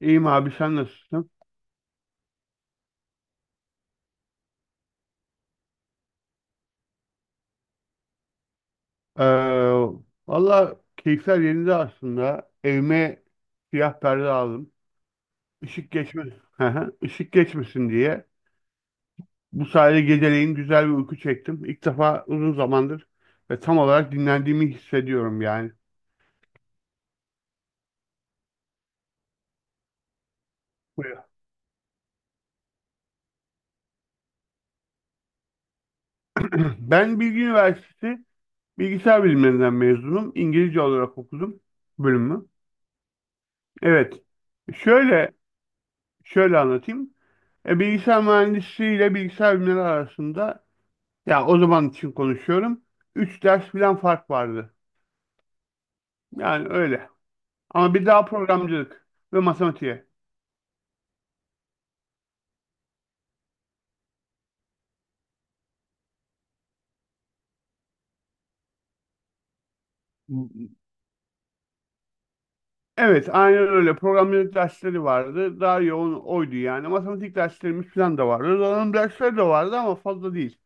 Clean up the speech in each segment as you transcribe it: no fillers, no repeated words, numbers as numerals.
İyiyim abi, sen nasılsın? Ee, Valla keyifler yerinde aslında. Evime siyah perde aldım. Işık geçmesin, ışık geçmesin diye. Bu sayede geceleyin güzel bir uyku çektim. İlk defa uzun zamandır ve tam olarak dinlendiğimi hissediyorum yani. Buyur. Ben Bilgi Üniversitesi Bilgisayar Bilimlerinden mezunum. İngilizce olarak okudum bölümü. Evet. Şöyle şöyle anlatayım. Bilgisayar mühendisliği ile bilgisayar bilimleri arasında, ya o zaman için konuşuyorum, üç ders falan fark vardı. Yani öyle. Ama bir daha programcılık ve matematiğe. Evet, aynen öyle. Programcılık dersleri vardı. Daha yoğun oydu yani. Matematik derslerimiz falan da vardı. Donanım dersleri de vardı ama fazla değil.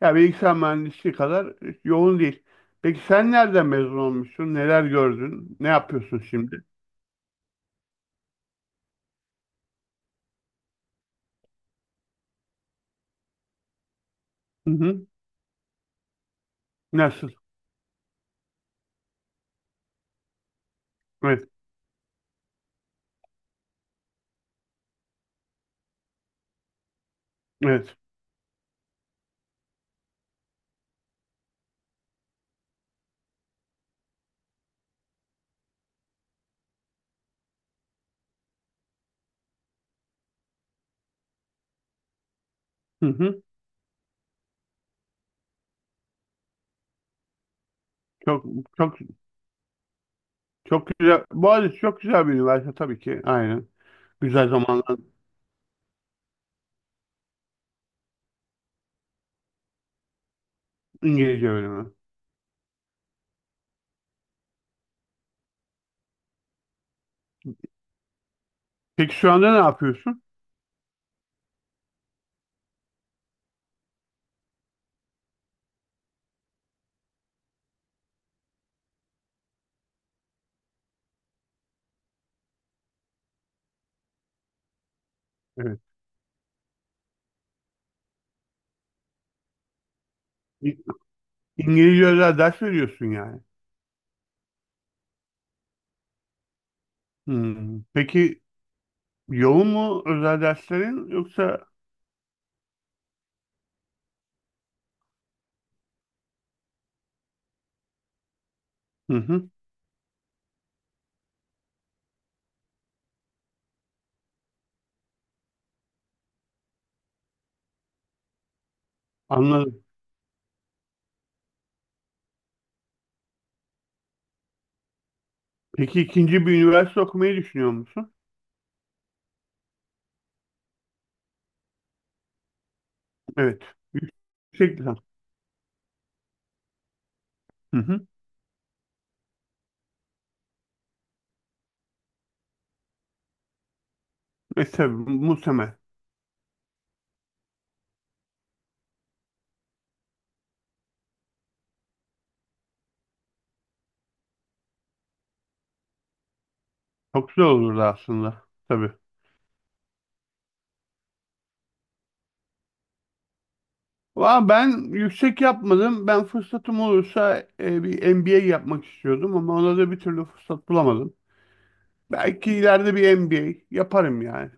Ya bilgisayar mühendisliği kadar yoğun değil. Peki sen nereden mezun olmuşsun? Neler gördün? Ne yapıyorsun şimdi? Hı hı. Nasıl? Evet, evet. Hı hı. Çok çok çok güzel. Boğaziçi çok güzel bir üniversite tabii ki. Aynen. Güzel zamanlar, İngilizce öğrenimi. Peki şu anda ne yapıyorsun? Evet. İ- İngilizce özel ders veriyorsun yani. Hmm. Peki yoğun mu özel derslerin yoksa? Hı hı. Anladım. Peki ikinci bir üniversite okumayı düşünüyor musun? Evet. Yüksek lisans. Hı hı. E tabii muhtemel. Çok güzel olurdu aslında. Tabii. Valla ben yüksek yapmadım. Ben fırsatım olursa bir MBA yapmak istiyordum ama ona da bir türlü fırsat bulamadım. Belki ileride bir MBA yaparım yani.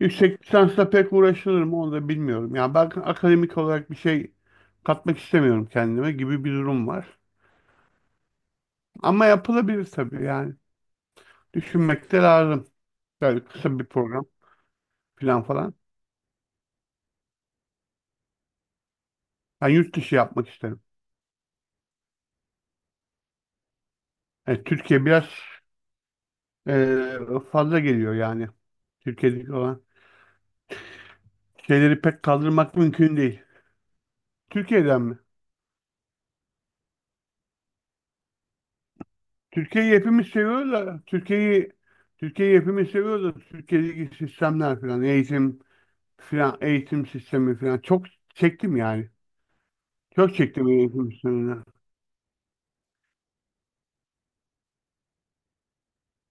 Yüksek lisansla pek uğraşılır mı onu da bilmiyorum. Yani ben akademik olarak bir şey katmak istemiyorum kendime gibi bir durum var. Ama yapılabilir tabii yani. Düşünmek de lazım. Böyle kısa bir program falan falan. Ben yurt dışı yapmak isterim. Yani Türkiye biraz eee, fazla geliyor yani. Türkiye'deki olan şeyleri pek kaldırmak mümkün değil. Türkiye'den mi? Türkiye'yi hepimiz seviyoruz da Türkiye'yi hepimiz seviyoruz da Türkiye'deki sistemler falan eğitim falan eğitim sistemi falan çok çektim yani. Çok çektim eğitim sisteminden.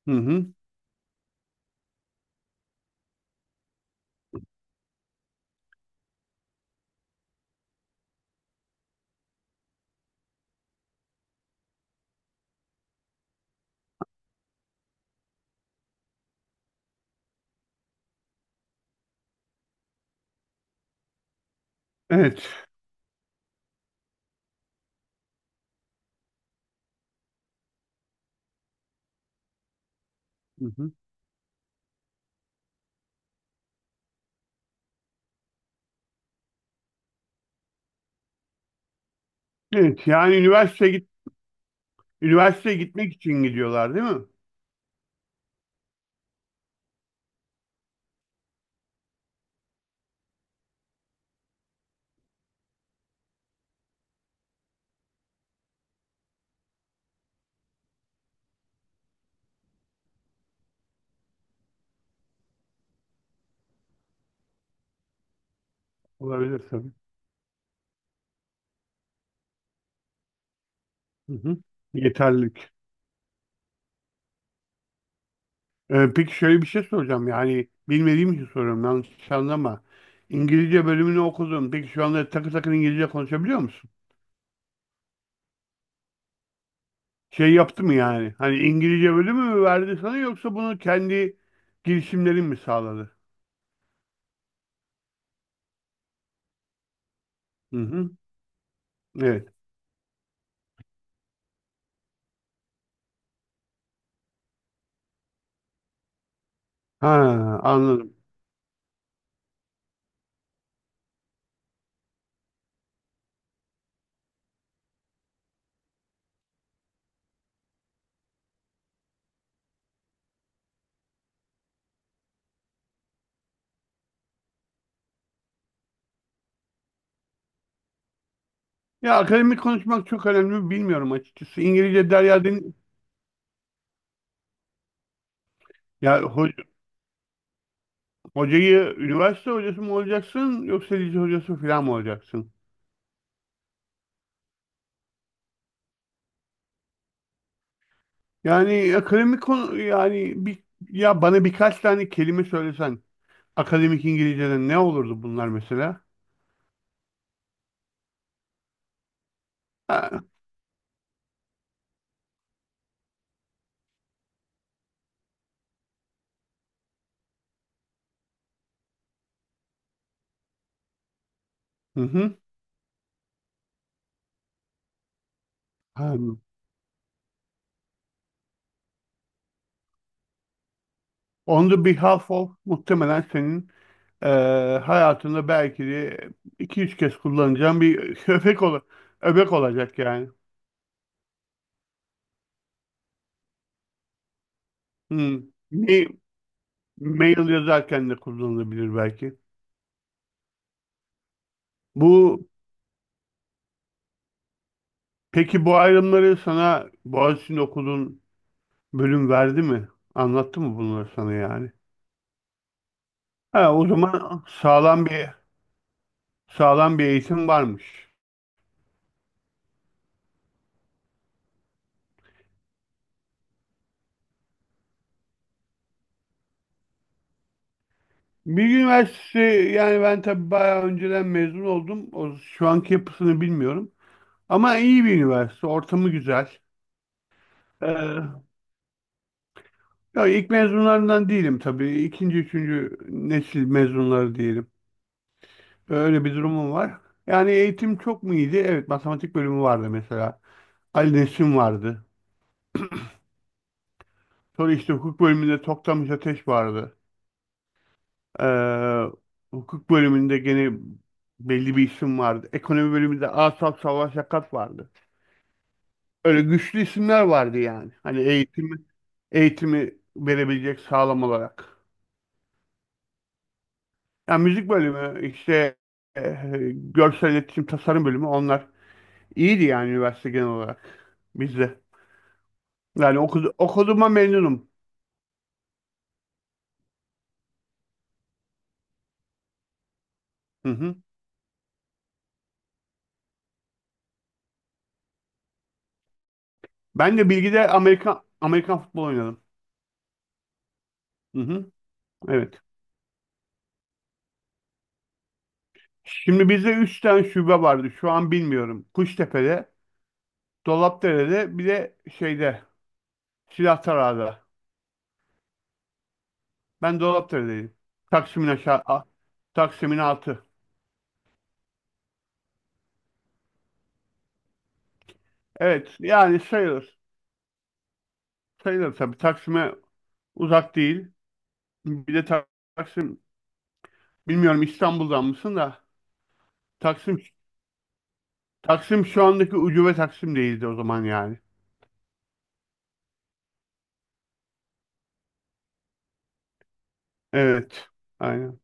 Hı hı. Evet. Hı hı. Evet yani üniversiteye gitmek için gidiyorlar değil mi? Olabilir tabii. Hı hı. Yeterlilik. Peki şöyle bir şey soracağım, yani bilmediğim için soruyorum, yanlış anlama. İngilizce bölümünü okudun. Peki şu anda takır takır İngilizce konuşabiliyor musun? Şey yaptı mı yani? Hani İngilizce bölümü mü verdi sana yoksa bunu kendi girişimlerin mi sağladı? Hı hı. Evet. Ha, anladım. Ya akademik konuşmak çok önemli mi bilmiyorum açıkçası. İngilizce Derya Deniz... Ya ho- hocayı üniversite hocası mı olacaksın yoksa lise hocası falan mı olacaksın? Yani akademik konu yani bir, ya bana birkaç tane kelime söylesen akademik İngilizce'den ne olurdu bunlar mesela? Ha. Hı hı. Ha. On the Behalf of muhtemelen senin hayatında belki de iki üç kez kullanacağın bir öbek olacak yani. Hmm. Ma- Mail yazarken de kullanılabilir belki. Bu peki bu ayrımları sana Boğaziçi'nde okuduğun bölüm verdi mi? Anlattı mı bunları sana yani? Ha, o zaman sağlam bir eğitim varmış. Bilgi Üniversitesi, yani ben tabii bayağı önceden mezun oldum. O, şu anki yapısını bilmiyorum. Ama iyi bir üniversite, ortamı güzel. Ee, Ya ilk mezunlarından değilim tabii. İkinci, üçüncü nesil mezunları diyelim. Öyle bir durumum var. Yani eğitim çok mu iyiydi? Evet, matematik bölümü vardı mesela. Ali Nesin vardı. Sonra işte hukuk bölümünde Toktamış Ateş vardı. Ee, Hukuk bölümünde gene belli bir isim vardı. Ekonomi bölümünde Asaf Savaş Yakat vardı. Öyle güçlü isimler vardı yani. Eğitimi verebilecek sağlam olarak. Ya müzik bölümü işte, e, görsel iletişim tasarım bölümü, onlar iyiydi yani üniversite genel olarak bizde. Yani okuduğuma memnunum. Hı hı. Ben de bilgide Amerikan futbol oynadım. Hı hı. Evet. Şimdi bizde 3 tane şube vardı. Şu an bilmiyorum. Kuştepe'de, Dolapdere'de, bir de şeyde, Silahtarağa'da. Ben Dolapdere'deyim. Taksim'in aşağı a- Taksim'in altı. Evet yani sayılır. Sayılır tabii. Taksim'e uzak değil. Bir de Taksim, bilmiyorum İstanbul'dan mısın da, Taksim şu andaki ucube Taksim değildi o zaman yani. Evet. Aynen.